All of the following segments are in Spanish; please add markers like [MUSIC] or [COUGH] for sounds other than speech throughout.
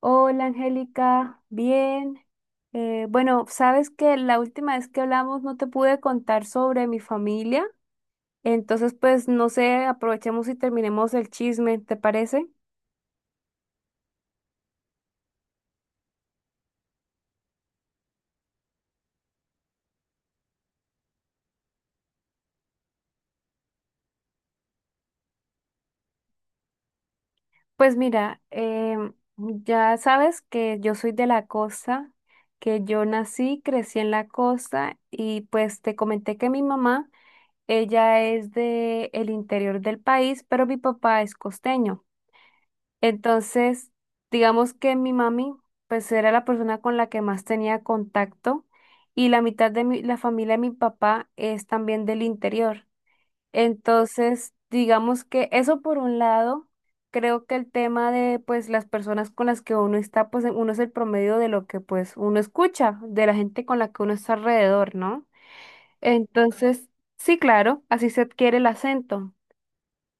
Hola Angélica, bien. Bueno, sabes que la última vez que hablamos no te pude contar sobre mi familia, entonces pues no sé, aprovechemos y terminemos el chisme, ¿te parece? Pues mira, ya sabes que yo soy de la costa, que yo nací, crecí en la costa y pues te comenté que mi mamá, ella es de el interior del país, pero mi papá es costeño. Entonces, digamos que mi mami, pues era la persona con la que más tenía contacto y la mitad de mi, la familia de mi papá es también del interior. Entonces, digamos que eso por un lado, creo que el tema de pues las personas con las que uno está, pues uno es el promedio de lo que pues uno escucha, de la gente con la que uno está alrededor, ¿no? Entonces, sí, claro, así se adquiere el acento.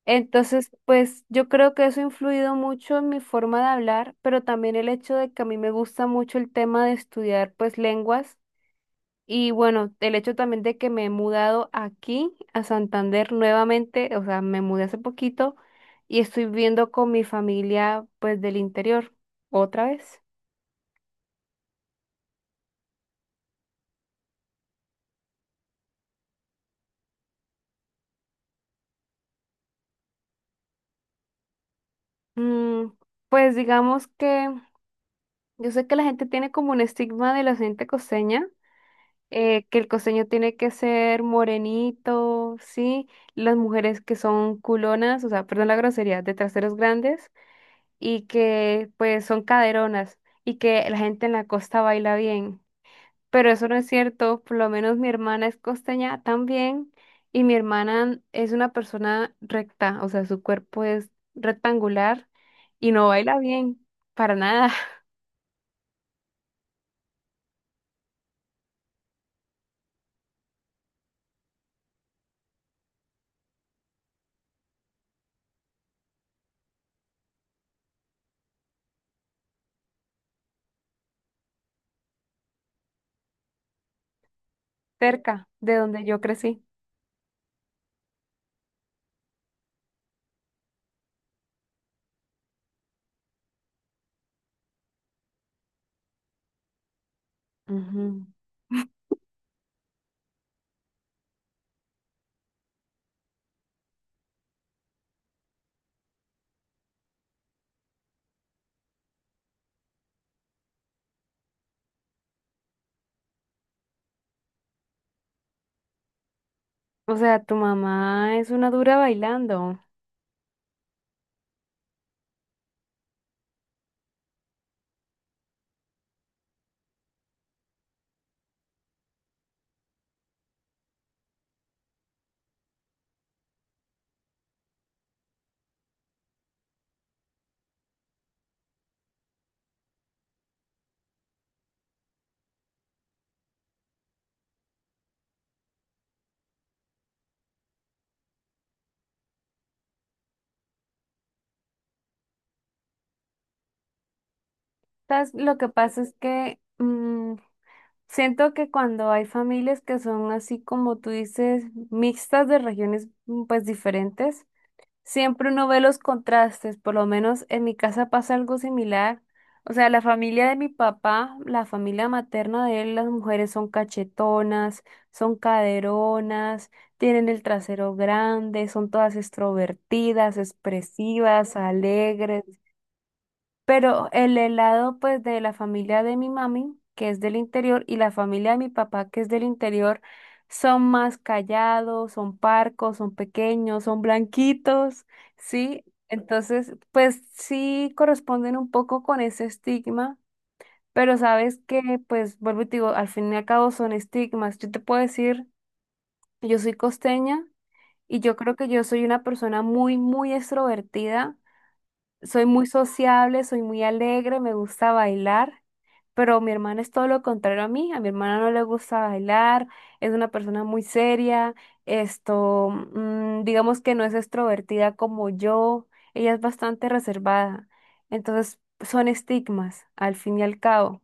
Entonces, pues yo creo que eso ha influido mucho en mi forma de hablar, pero también el hecho de que a mí me gusta mucho el tema de estudiar pues lenguas y bueno, el hecho también de que me he mudado aquí a Santander nuevamente, o sea, me mudé hace poquito y estoy viviendo con mi familia pues del interior otra vez. Mm, pues digamos que yo sé que la gente tiene como un estigma de la gente costeña que el costeño tiene que ser morenito, ¿sí? Las mujeres que son culonas, o sea, perdón la grosería, de traseros grandes y que pues son caderonas y que la gente en la costa baila bien. Pero eso no es cierto, por lo menos mi hermana es costeña también y mi hermana es una persona recta, o sea, su cuerpo es rectangular y no baila bien, para nada, [LAUGHS] cerca de donde yo crecí. Ujú. O sea, tu mamá es una dura bailando. ¿Sabes? Lo que pasa es que mm, siento que cuando hay familias que son así como tú dices, mixtas de regiones pues diferentes, siempre uno ve los contrastes. Por lo menos en mi casa pasa algo similar. O sea, la familia de mi papá, la familia materna de él, las mujeres son cachetonas, son caderonas, tienen el trasero grande, son todas extrovertidas, expresivas, alegres. Pero el helado, pues, de la familia de mi mami, que es del interior, y la familia de mi papá, que es del interior, son más callados, son parcos, son pequeños, son blanquitos, ¿sí? Entonces, pues sí corresponden un poco con ese estigma, pero sabes que, pues, vuelvo y te digo, al fin y al cabo son estigmas. Yo te puedo decir, yo soy costeña y yo creo que yo soy una persona muy, muy extrovertida, soy muy sociable, soy muy alegre, me gusta bailar, pero mi hermana es todo lo contrario a mí. A mi hermana no le gusta bailar, es una persona muy seria, esto, digamos que no es extrovertida como yo, ella es bastante reservada. Entonces, son estigmas, al fin y al cabo.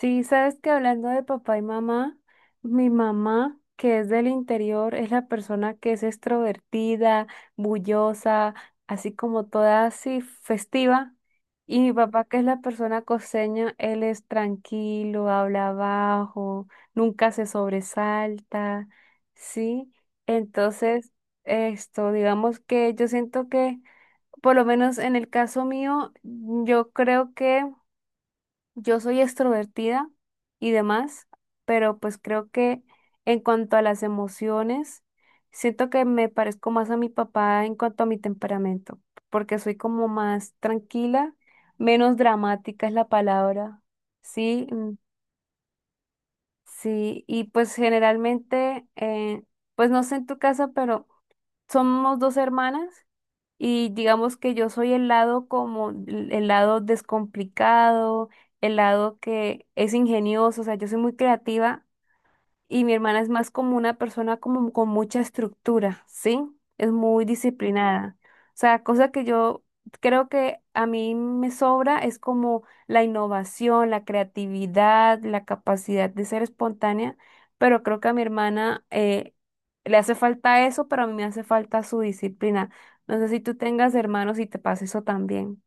Sí, sabes que hablando de papá y mamá, mi mamá, que es del interior, es la persona que es extrovertida, bullosa, así como toda así festiva. Y mi papá, que es la persona costeña, él es tranquilo, habla bajo, nunca se sobresalta, ¿sí? Entonces, esto, digamos que yo siento que, por lo menos en el caso mío, yo creo que... Yo soy extrovertida y demás, pero pues creo que en cuanto a las emociones, siento que me parezco más a mi papá en cuanto a mi temperamento, porque soy como más tranquila, menos dramática es la palabra. Sí, mm, sí, y pues generalmente, pues no sé en tu casa, pero somos dos hermanas y digamos que yo soy el lado como el lado descomplicado, el lado que es ingenioso, o sea, yo soy muy creativa y mi hermana es más como una persona como con mucha estructura, ¿sí? Es muy disciplinada. O sea, cosa que yo creo que a mí me sobra es como la innovación, la creatividad, la capacidad de ser espontánea, pero creo que a mi hermana le hace falta eso, pero a mí me hace falta su disciplina. No sé si tú tengas hermanos y te pasa eso también.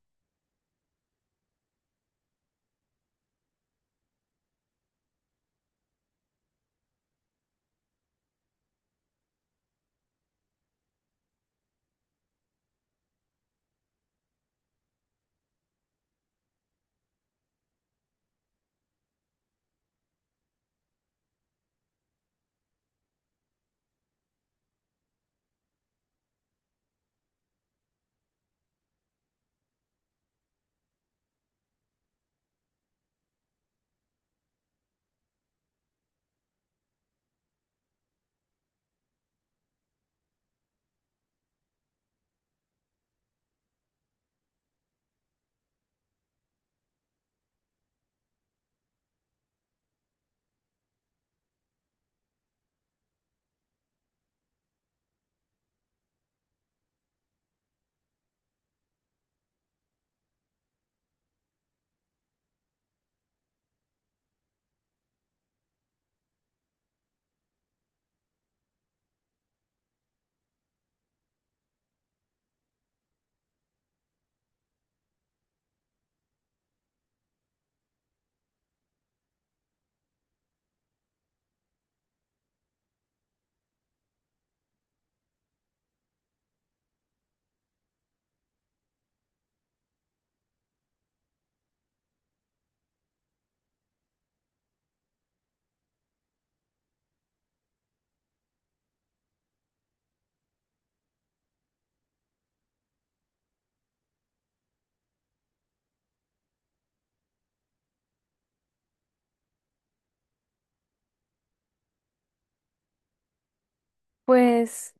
Pues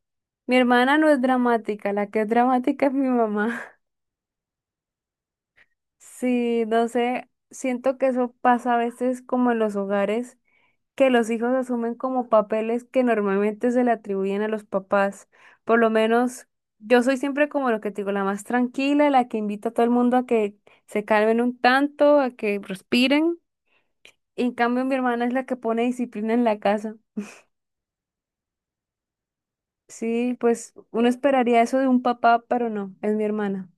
mi hermana no es dramática, la que es dramática es mi mamá. Sí, no sé, siento que eso pasa a veces como en los hogares, que los hijos asumen como papeles que normalmente se le atribuyen a los papás. Por lo menos yo soy siempre como lo que te digo, la más tranquila, la que invita a todo el mundo a que se calmen un tanto, a que respiren. Y en cambio mi hermana es la que pone disciplina en la casa. Sí, pues uno esperaría eso de un papá, pero no, es mi hermana.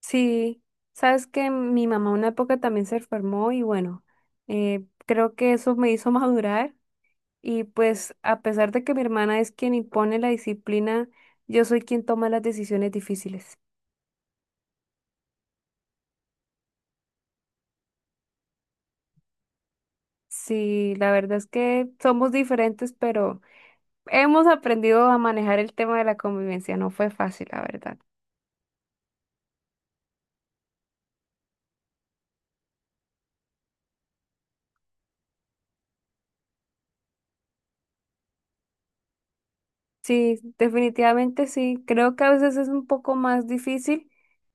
Sí, sabes que mi mamá una época también se enfermó y bueno, creo que eso me hizo [LAUGHS] madurar y pues a pesar de que mi hermana es quien impone la disciplina, yo soy quien toma las decisiones difíciles. Sí, la verdad es que somos diferentes, pero hemos aprendido a manejar el tema de la convivencia. No fue fácil, la verdad. Sí, definitivamente sí. Creo que a veces es un poco más difícil,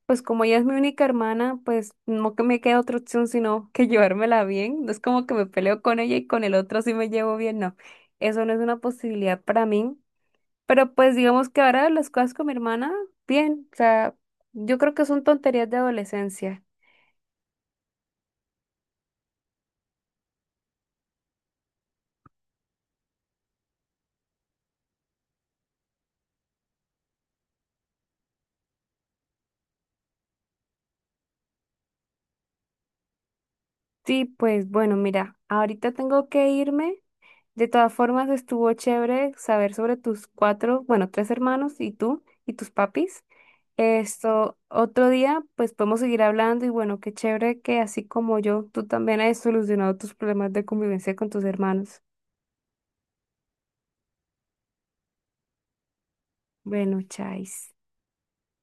pues como ella es mi única hermana, pues no que me quede otra opción sino que [LAUGHS] llevármela bien. No es como que me peleo con ella y con el otro sí me llevo bien, no. Eso no es una posibilidad para mí. Pero pues digamos que ahora las cosas con mi hermana, bien. O sea, yo creo que son tonterías de adolescencia. Sí, pues bueno, mira, ahorita tengo que irme. De todas formas, estuvo chévere saber sobre tus cuatro, bueno, tres hermanos y tú y tus papis. Esto, otro día, pues podemos seguir hablando y bueno, qué chévere que así como yo, tú también has solucionado tus problemas de convivencia con tus hermanos. Bueno, chais.